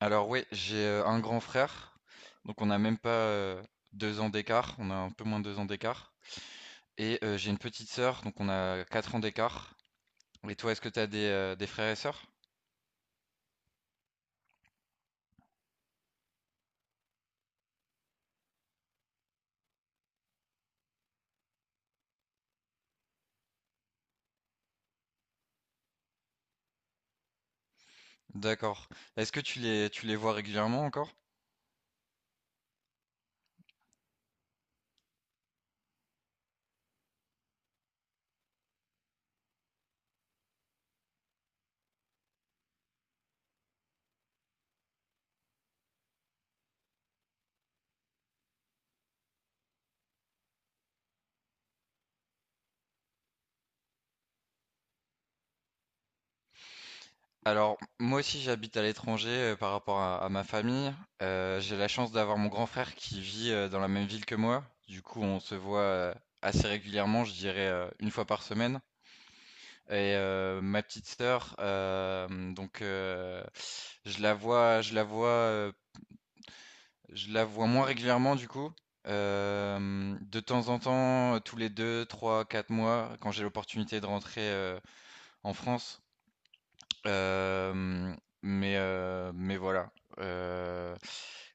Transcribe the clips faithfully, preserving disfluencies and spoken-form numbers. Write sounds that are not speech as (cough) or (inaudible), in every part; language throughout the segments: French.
Alors ouais, j'ai euh, un grand frère, donc on n'a même pas euh, deux ans d'écart, on a un peu moins de deux ans d'écart. Et euh, j'ai une petite sœur, donc on a quatre ans d'écart. Et toi, est-ce que tu as des, euh, des frères et sœurs? D'accord. Est-ce que tu les, tu les vois régulièrement encore? Alors, moi aussi, j'habite à l'étranger euh, par rapport à, à ma famille. Euh, j'ai la chance d'avoir mon grand frère qui vit euh, dans la même ville que moi. Du coup, on se voit euh, assez régulièrement, je dirais euh, une fois par semaine. Et euh, ma petite sœur, euh, donc euh, je la vois, je la vois, euh, je la vois moins régulièrement du coup. Euh, de temps en temps, tous les deux, trois, quatre mois, quand j'ai l'opportunité de rentrer euh, en France, Hem, mais heu, mais voilà, heu,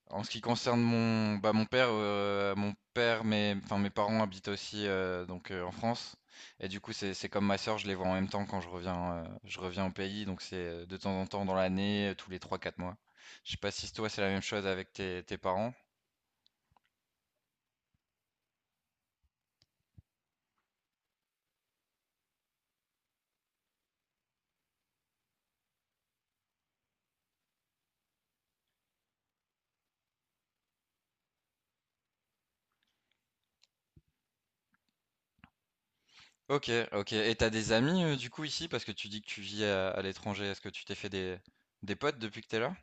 en ce qui concerne mon bah, mon père, heu, mon père, mes enfin, mes parents habitent aussi, heu, donc heu, en France et du coup, c'est c'est comme ma sœur, je les vois en même temps quand je reviens, heu, je reviens au pays donc c'est, heu, de temps en temps dans l'année, heu, tous les trois quatre mois. Je sais pas si toi, c'est la même chose avec tes tes parents? Ok, ok. Et t'as des amis euh, du coup ici parce que tu dis que tu vis à, à l'étranger. Est-ce que tu t'es fait des, des potes depuis que t'es là?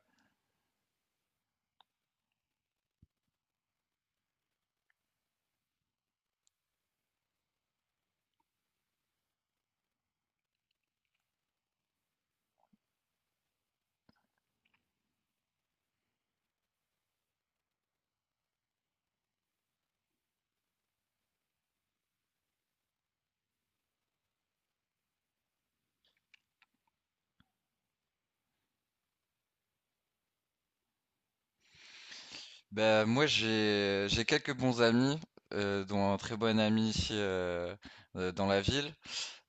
Bah moi j'ai j'ai quelques bons amis, euh, dont un très bon ami ici euh, euh, dans la ville,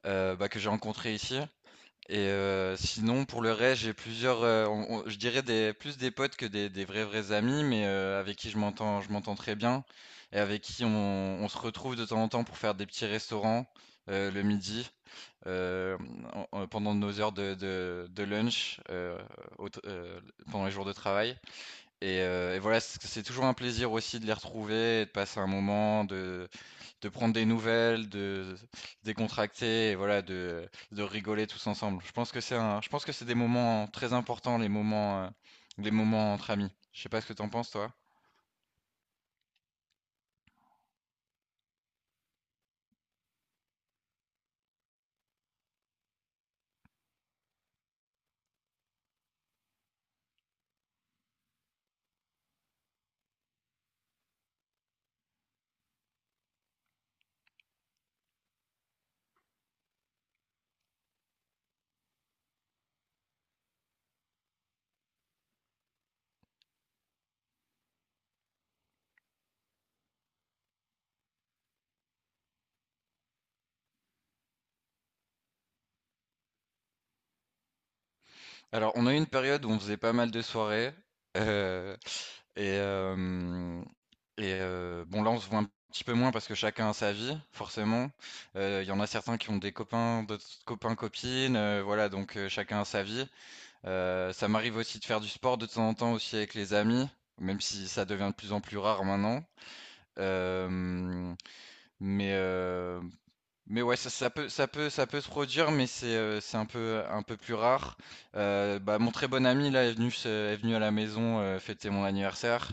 euh, bah, que j'ai rencontré ici. Et heu, sinon pour le reste, j'ai plusieurs, heu, on on je dirais des plus des potes que des des vrais, vrais amis, mais heu, avec qui je m'entends je m'entends très bien et avec qui on on se retrouve de temps en temps pour faire des petits restaurants, heu, le midi, heu, en en pendant nos heures de de de lunch, heu, au t heu, pendant les jours de travail et heu et voilà, c'est c'est toujours un plaisir aussi de les retrouver et de passer un moment de de prendre des nouvelles, de décontracter et voilà, de, de rigoler tous ensemble. Je pense que c'est un, je pense que c'est des moments très importants, les moments, euh, les moments entre amis. Je sais pas ce que t'en penses, toi. Alors, on a eu une période où on faisait pas mal de soirées. euh, et euh, et euh, bon, là, on se voit un petit peu moins parce que chacun a sa vie, forcément. Euh, Il y en a certains qui ont des copains, d'autres copains, copines. Euh, voilà, donc euh, chacun a sa vie. Euh, ça m'arrive aussi de faire du sport de temps en temps aussi avec les amis, même si ça devient de plus en plus rare maintenant. Euh, mais euh, mais ouais, ça, ça peut ça peut ça peut se produire, mais c'est euh, c'est un peu un peu plus rare. Euh, bah, mon très bon ami là est venu se- est venu à la maison euh, fêter mon anniversaire.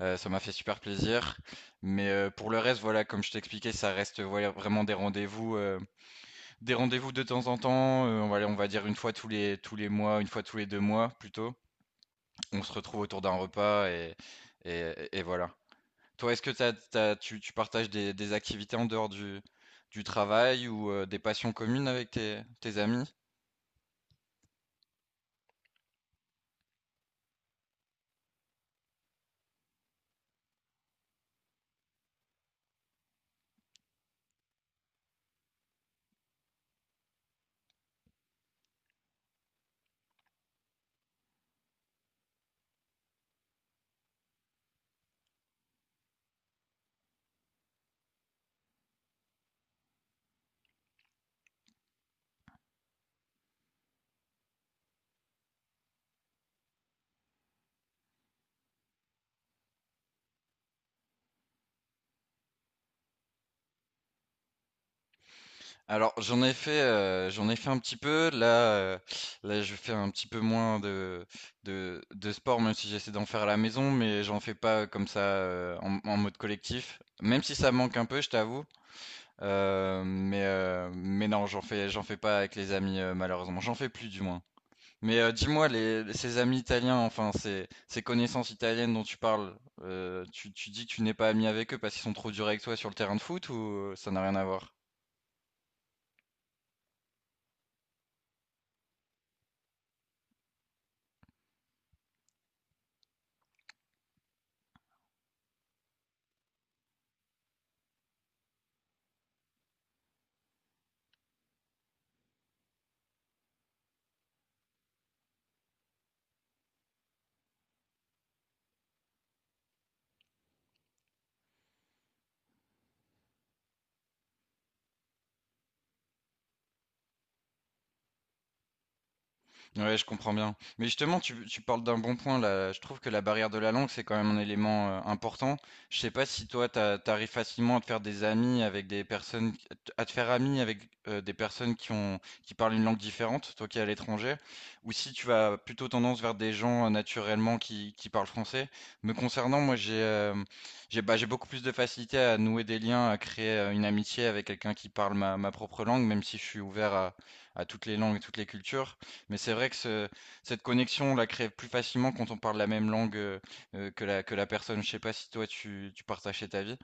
Euh, ça m'a fait super plaisir. Mais euh, pour le reste, voilà, comme je t'expliquais, ça reste voilà, vraiment des rendez-vous, euh, des rendez-vous de temps en temps. Euh, on va, on va dire une fois tous les tous les mois, une fois tous les deux mois plutôt. On se retrouve autour d'un repas et, et, et voilà. Toi, est-ce que t'as- t'as- tu, tu partages des, des activités en dehors du, du travail ou euh, des passions communes avec tes, tes amis? Alors, j'en ai fait, euh, j'en ai fait un petit peu. Là, euh, Là, je fais un petit peu moins de, de, de sport, même si j'essaie d'en faire à la maison, mais j'en fais pas comme ça euh, en, en mode collectif. Même si ça me manque un peu, je t'avoue. Euh, mais, euh, mais non, j'en fais, j'en fais pas avec les amis, euh, malheureusement. J'en fais plus, du moins. Mais euh, dis-moi, les, ces amis italiens, enfin ces, ces connaissances italiennes dont tu parles, euh, tu, tu dis que tu n'es pas ami avec eux parce qu'ils sont trop durs avec toi sur le terrain de foot ou ça n'a rien à voir? Ouais, je comprends bien. Mais justement, tu, tu parles d'un bon point là. Je trouve que la barrière de la langue, c'est quand même un élément euh, important. Je sais pas si toi, t'as- t'arrives facilement à te faire des amis avec des personnes, à te faire ami avec euh, des personnes qui ont, qui parlent une langue différente, toi qui es à l'étranger, ou si tu vas plutôt tendance vers des gens euh, naturellement qui, qui parlent français. Me concernant, moi, j'ai, euh, j'ai, bah, j'ai beaucoup plus de facilité à nouer des liens, à créer euh, une amitié avec quelqu'un qui parle ma, ma propre langue, même si je suis ouvert à à toutes les langues et toutes les cultures. Mais c'est vrai que ce- cette connexion, on la crée plus facilement quand on parle la même langue euh, euh, que la, que la personne. Je sais pas si toi tu, tu partageais ta vie.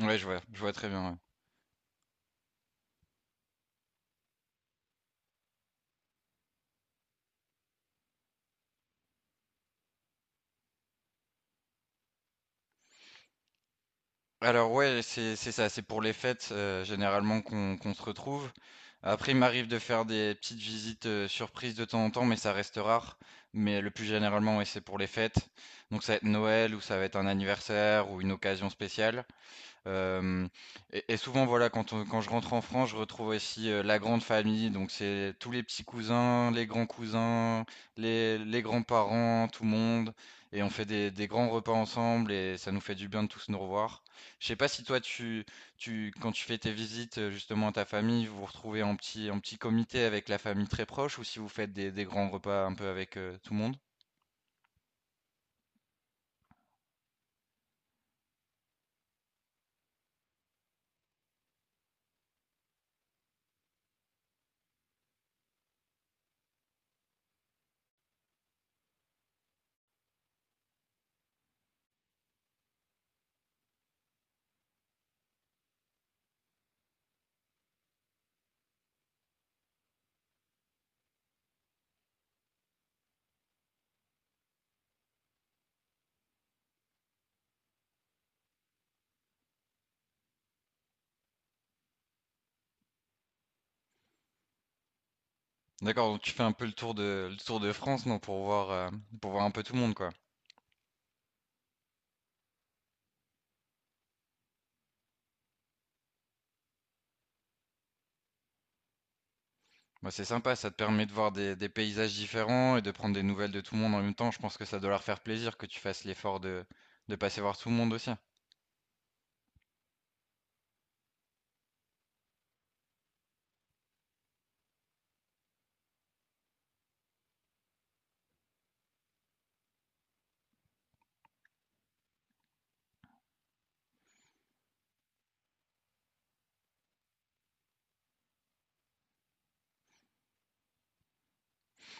Ouais, je vois, je vois très bien. Ouais. Alors ouais, c'est c'est ça, c'est pour les fêtes euh, généralement qu'on qu'on se retrouve. Après, il m'arrive de faire des petites visites euh, surprises de temps en temps, mais ça reste rare. Mais le plus généralement, ouais, c'est pour les fêtes. Donc ça va être Noël ou ça va être un anniversaire ou une occasion spéciale. Euh, et, et souvent, voilà, quand, on- quand je rentre en France, je retrouve aussi euh, la grande famille. Donc, c'est tous les petits cousins, les grands cousins, les, les grands-parents, tout le monde. Et on fait des, des grands repas ensemble et ça nous fait du bien de tous nous revoir. Je sais pas si toi, tu, tu, quand tu fais tes visites euh, justement à ta famille, vous vous retrouvez en petit, en petit comité avec la famille très proche ou si vous faites des, des grands repas un peu avec euh, tout le monde. D'accord, donc tu fais un peu le tour de, le tour de France, non, pour voir, euh, pour voir un peu tout le monde, quoi. Bah, c'est sympa, ça te permet de voir des, des paysages différents et de prendre des nouvelles de tout le monde en même temps. Je pense que ça doit leur faire plaisir que tu fasses l'effort de, de passer voir tout le monde aussi.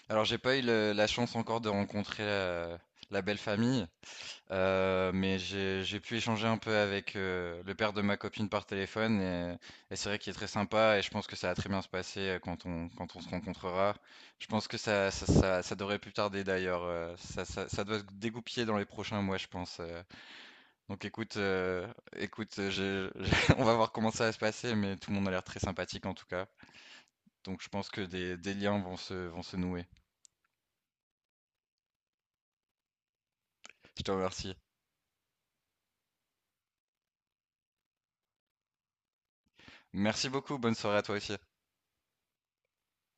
Alors, j'ai pas eu le- la chance encore de rencontrer la, la belle famille, euh, mais j'ai, j'ai pu échanger un peu avec euh, le père de ma copine par téléphone et, et c'est vrai qu'il est très sympa et je pense que ça va très bien se passer euh, quand on, quand on se rencontrera. Je pense que ça, ça, ça, ça devrait plus tarder d'ailleurs. Euh, Ça, ça, ça doit se dégoupiller dans les prochains mois, je pense. euh. Donc écoute, euh, écoute, euh, j'ai- j'ai- (laughs) on va voir comment ça va se passer, mais tout le monde a l'air très sympathique en tout cas. Donc je pense que des, des liens vont se, vont se nouer. Je te remercie. Merci beaucoup, bonne soirée à toi aussi.